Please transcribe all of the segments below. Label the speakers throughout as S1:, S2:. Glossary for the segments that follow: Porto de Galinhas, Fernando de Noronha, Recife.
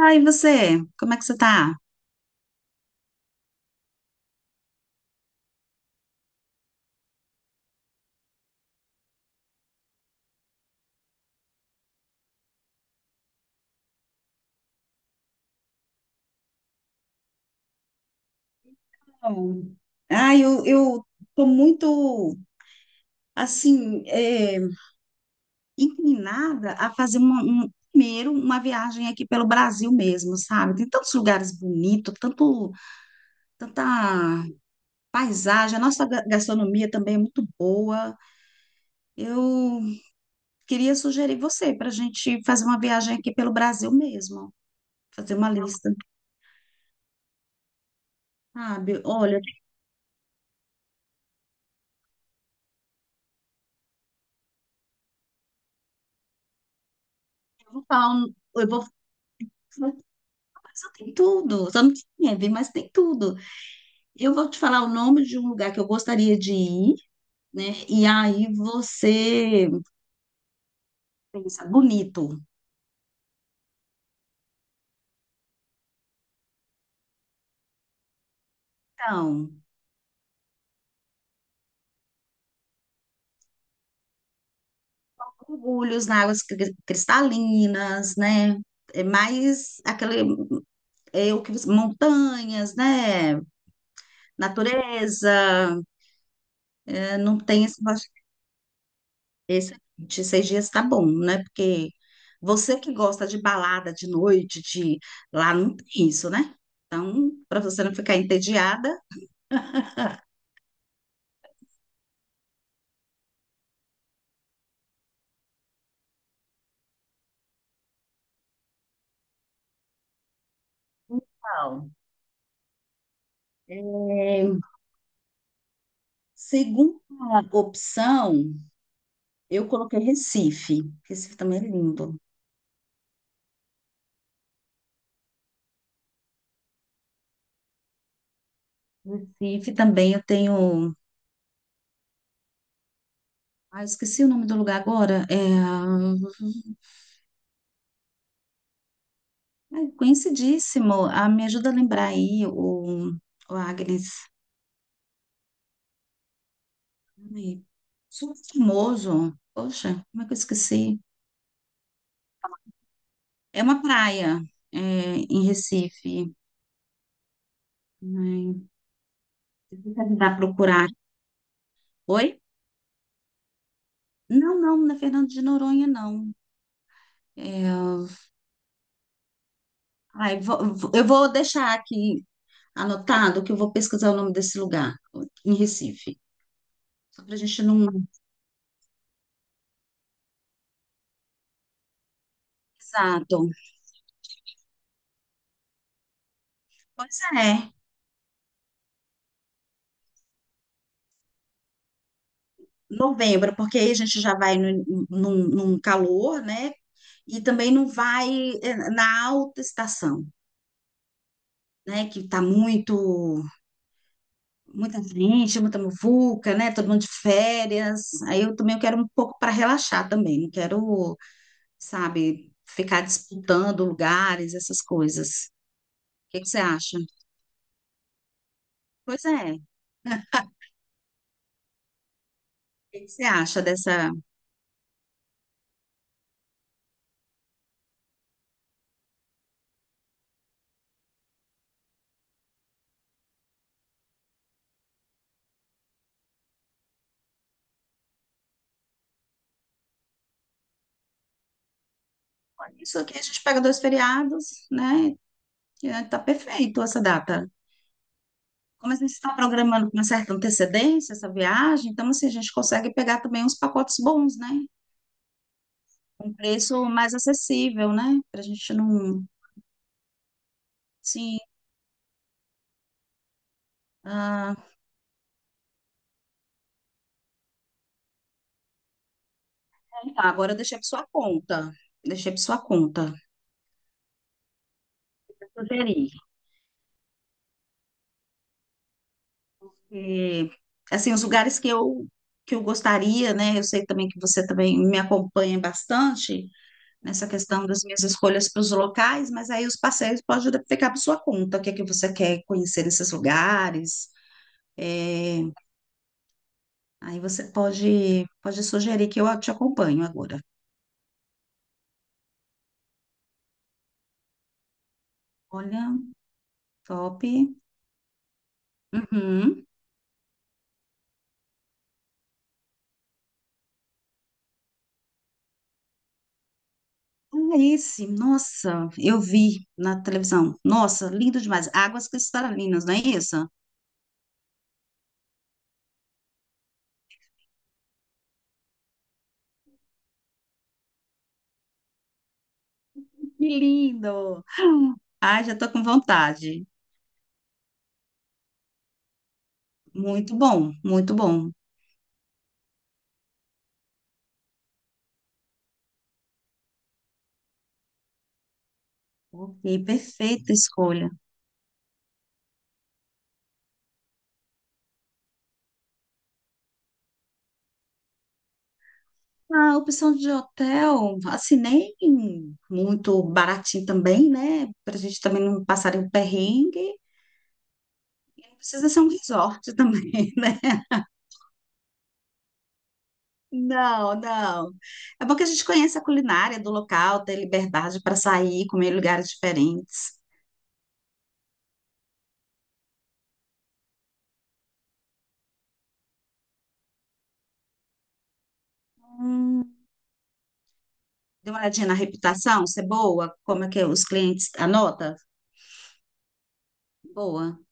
S1: Ah, e você? Como é que você tá? Bom. Ah, eu tô muito, assim, inclinada a fazer primeiro uma viagem aqui pelo Brasil mesmo, sabe? Tem tantos lugares bonitos, tanta paisagem, a nossa gastronomia também é muito boa. Eu queria sugerir você para a gente fazer uma viagem aqui pelo Brasil mesmo, fazer uma lista, sabe? Olha, eu vou falar, um- eu vou mas só tem tudo, só não tem neve, mas tem tudo. Eu vou te falar o nome de um lugar que eu gostaria de ir, né? E aí você pensa, Bonito. Então, mergulhos na águas cristalinas, né? É mais aquele, é o que, montanhas, né? Natureza, né? não tem esse Excelente, 6 dias tá bom, né? Porque você que gosta de balada de noite, de lá não tem isso, né? Então, para você não ficar entediada. Então, é, segunda opção, eu coloquei Recife. Recife também é lindo. Recife também eu tenho. Ah, eu esqueci o nome do lugar agora. Ah, conhecidíssimo. Ah, me ajuda a lembrar aí, o Agnes. Ai, super famoso. Poxa, como é que eu esqueci? É uma praia, é, em Recife. Ai, deixa eu tentar procurar. Oi? Não, não, não é Fernando de Noronha, não. É, Ai, eu vou deixar aqui anotado que eu vou pesquisar o nome desse lugar, em Recife. Só para a gente não. Exato. Pois é, novembro, porque aí a gente já vai no, num, num calor, né? E também não vai na alta estação, né, que tá muito, muita gente, muita muvuca, né, todo mundo de férias. Aí eu também eu quero um pouco para relaxar também, não quero, sabe, ficar disputando lugares, essas coisas. O que que você acha? Pois é. O que que você acha dessa? Isso aqui a gente pega dois feriados, né? Tá perfeito essa data. Como a gente está programando com uma certa antecedência essa viagem, então assim, a gente consegue pegar também uns pacotes bons, né? Um preço mais acessível, né? Para a gente não. Sim. Ah, tá, agora eu deixei para sua conta. Deixei para sua conta. Sugerir. E, assim, os lugares que eu gostaria, né? Eu sei também que você também me acompanha bastante nessa questão das minhas escolhas para os locais, mas aí os passeios pode ficar para sua conta. O que é que você quer conhecer nesses lugares? É, Aí você pode sugerir que eu te acompanho agora. Olha, top. Uhum. Ah, esse, nossa, eu vi na televisão. Nossa, lindo demais. Águas cristalinas, não é isso? Que lindo! Ai, já tô com vontade. Muito bom, muito bom. Ok, perfeita escolha. A opção de hotel, assinei muito baratinho também, né? Pra gente também não passar em perrengue. Precisa ser um resort também, né? Não, não. É bom que a gente conheça a culinária do local, ter liberdade para sair, comer em lugares diferentes. Dê uma olhadinha na reputação, se é boa, como é que os clientes anota? Boa.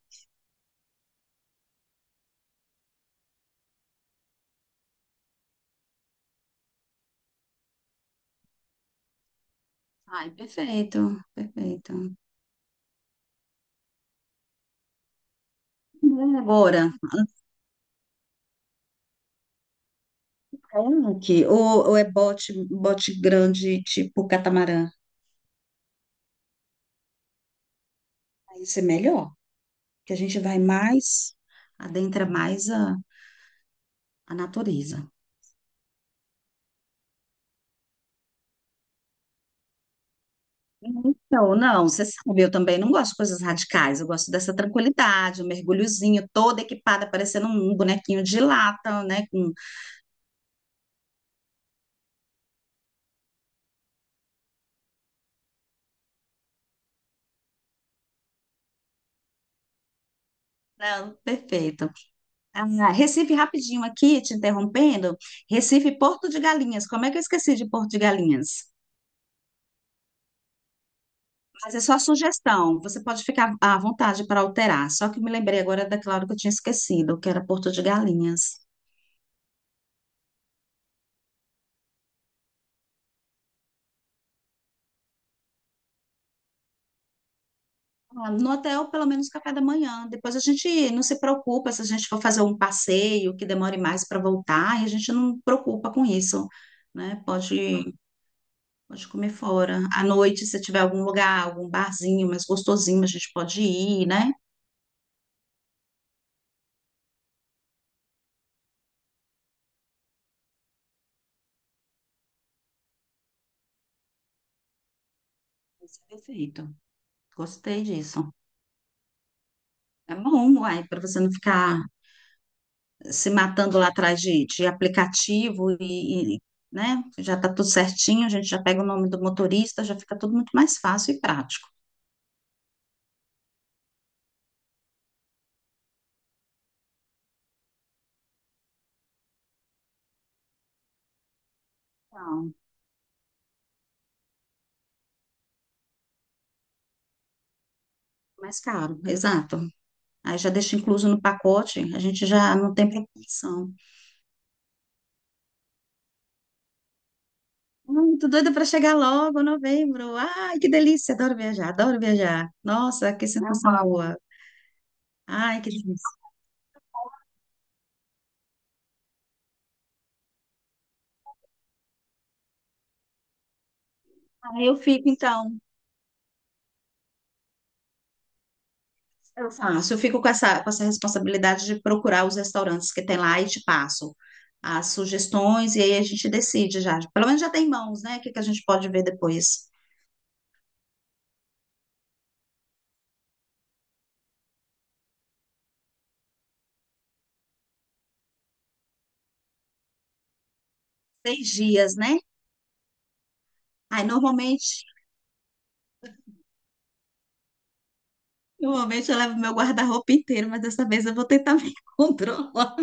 S1: Ai, perfeito, perfeito. Agora, Kayak ou é bote, bote grande tipo catamarã? Aí isso é melhor, que a gente vai mais, adentra mais a natureza. Então, não, você sabe, eu também não gosto de coisas radicais, eu gosto dessa tranquilidade, o mergulhozinho, toda equipada, parecendo um bonequinho de lata, né? Não, perfeito. Ah, Recife, rapidinho aqui, te interrompendo. Recife, Porto de Galinhas. Como é que eu esqueci de Porto de Galinhas? Mas é só sugestão. Você pode ficar à vontade para alterar. Só que me lembrei agora daquela hora que eu tinha esquecido, que era Porto de Galinhas. Ah, no hotel, pelo menos café da manhã. Depois a gente não se preocupa se a gente for fazer um passeio que demore mais para voltar, e a gente não preocupa com isso, né? Pode comer fora. À noite, se tiver algum lugar, algum barzinho mais gostosinho, a gente pode ir, né? Isso é perfeito. Gostei disso. É bom, uai, para você não ficar se matando lá atrás de aplicativo né, já está tudo certinho, a gente já pega o nome do motorista, já fica tudo muito mais fácil e prático. Não, mais caro, exato. Aí já deixa incluso no pacote, a gente já não tem preocupação. Muito doida para chegar logo, novembro. Ai, que delícia, adoro viajar, adoro viajar. Nossa, que sensação boa. Ai, que delícia. Ah, eu fico então. Eu faço, eu fico com essa responsabilidade de procurar os restaurantes que tem lá e te passo as sugestões e aí a gente decide já. Pelo menos já tem mãos, né? O que que a gente pode ver depois? 6 dias, né? Aí normalmente eu levo meu guarda-roupa inteiro, mas dessa vez eu vou tentar me controlar.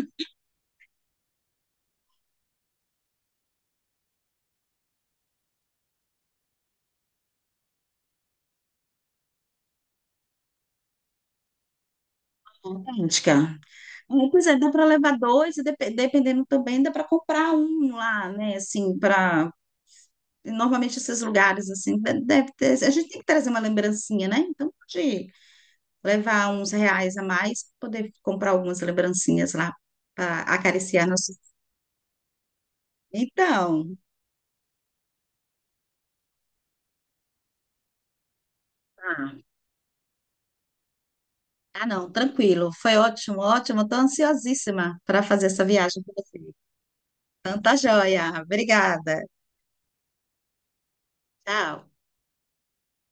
S1: Idêntica. Aí, pois é, dá para levar dois e dependendo também dá para comprar um lá, né? Assim, para normalmente esses lugares assim, deve ter, a gente tem que trazer uma lembrancinha, né? Então pode levar uns reais a mais, poder comprar algumas lembrancinhas lá para acariciar nosso. Então, ah, ah, não, tranquilo, foi ótimo, ótimo, estou ansiosíssima para fazer essa viagem com você. Tanta joia, obrigada, tchau.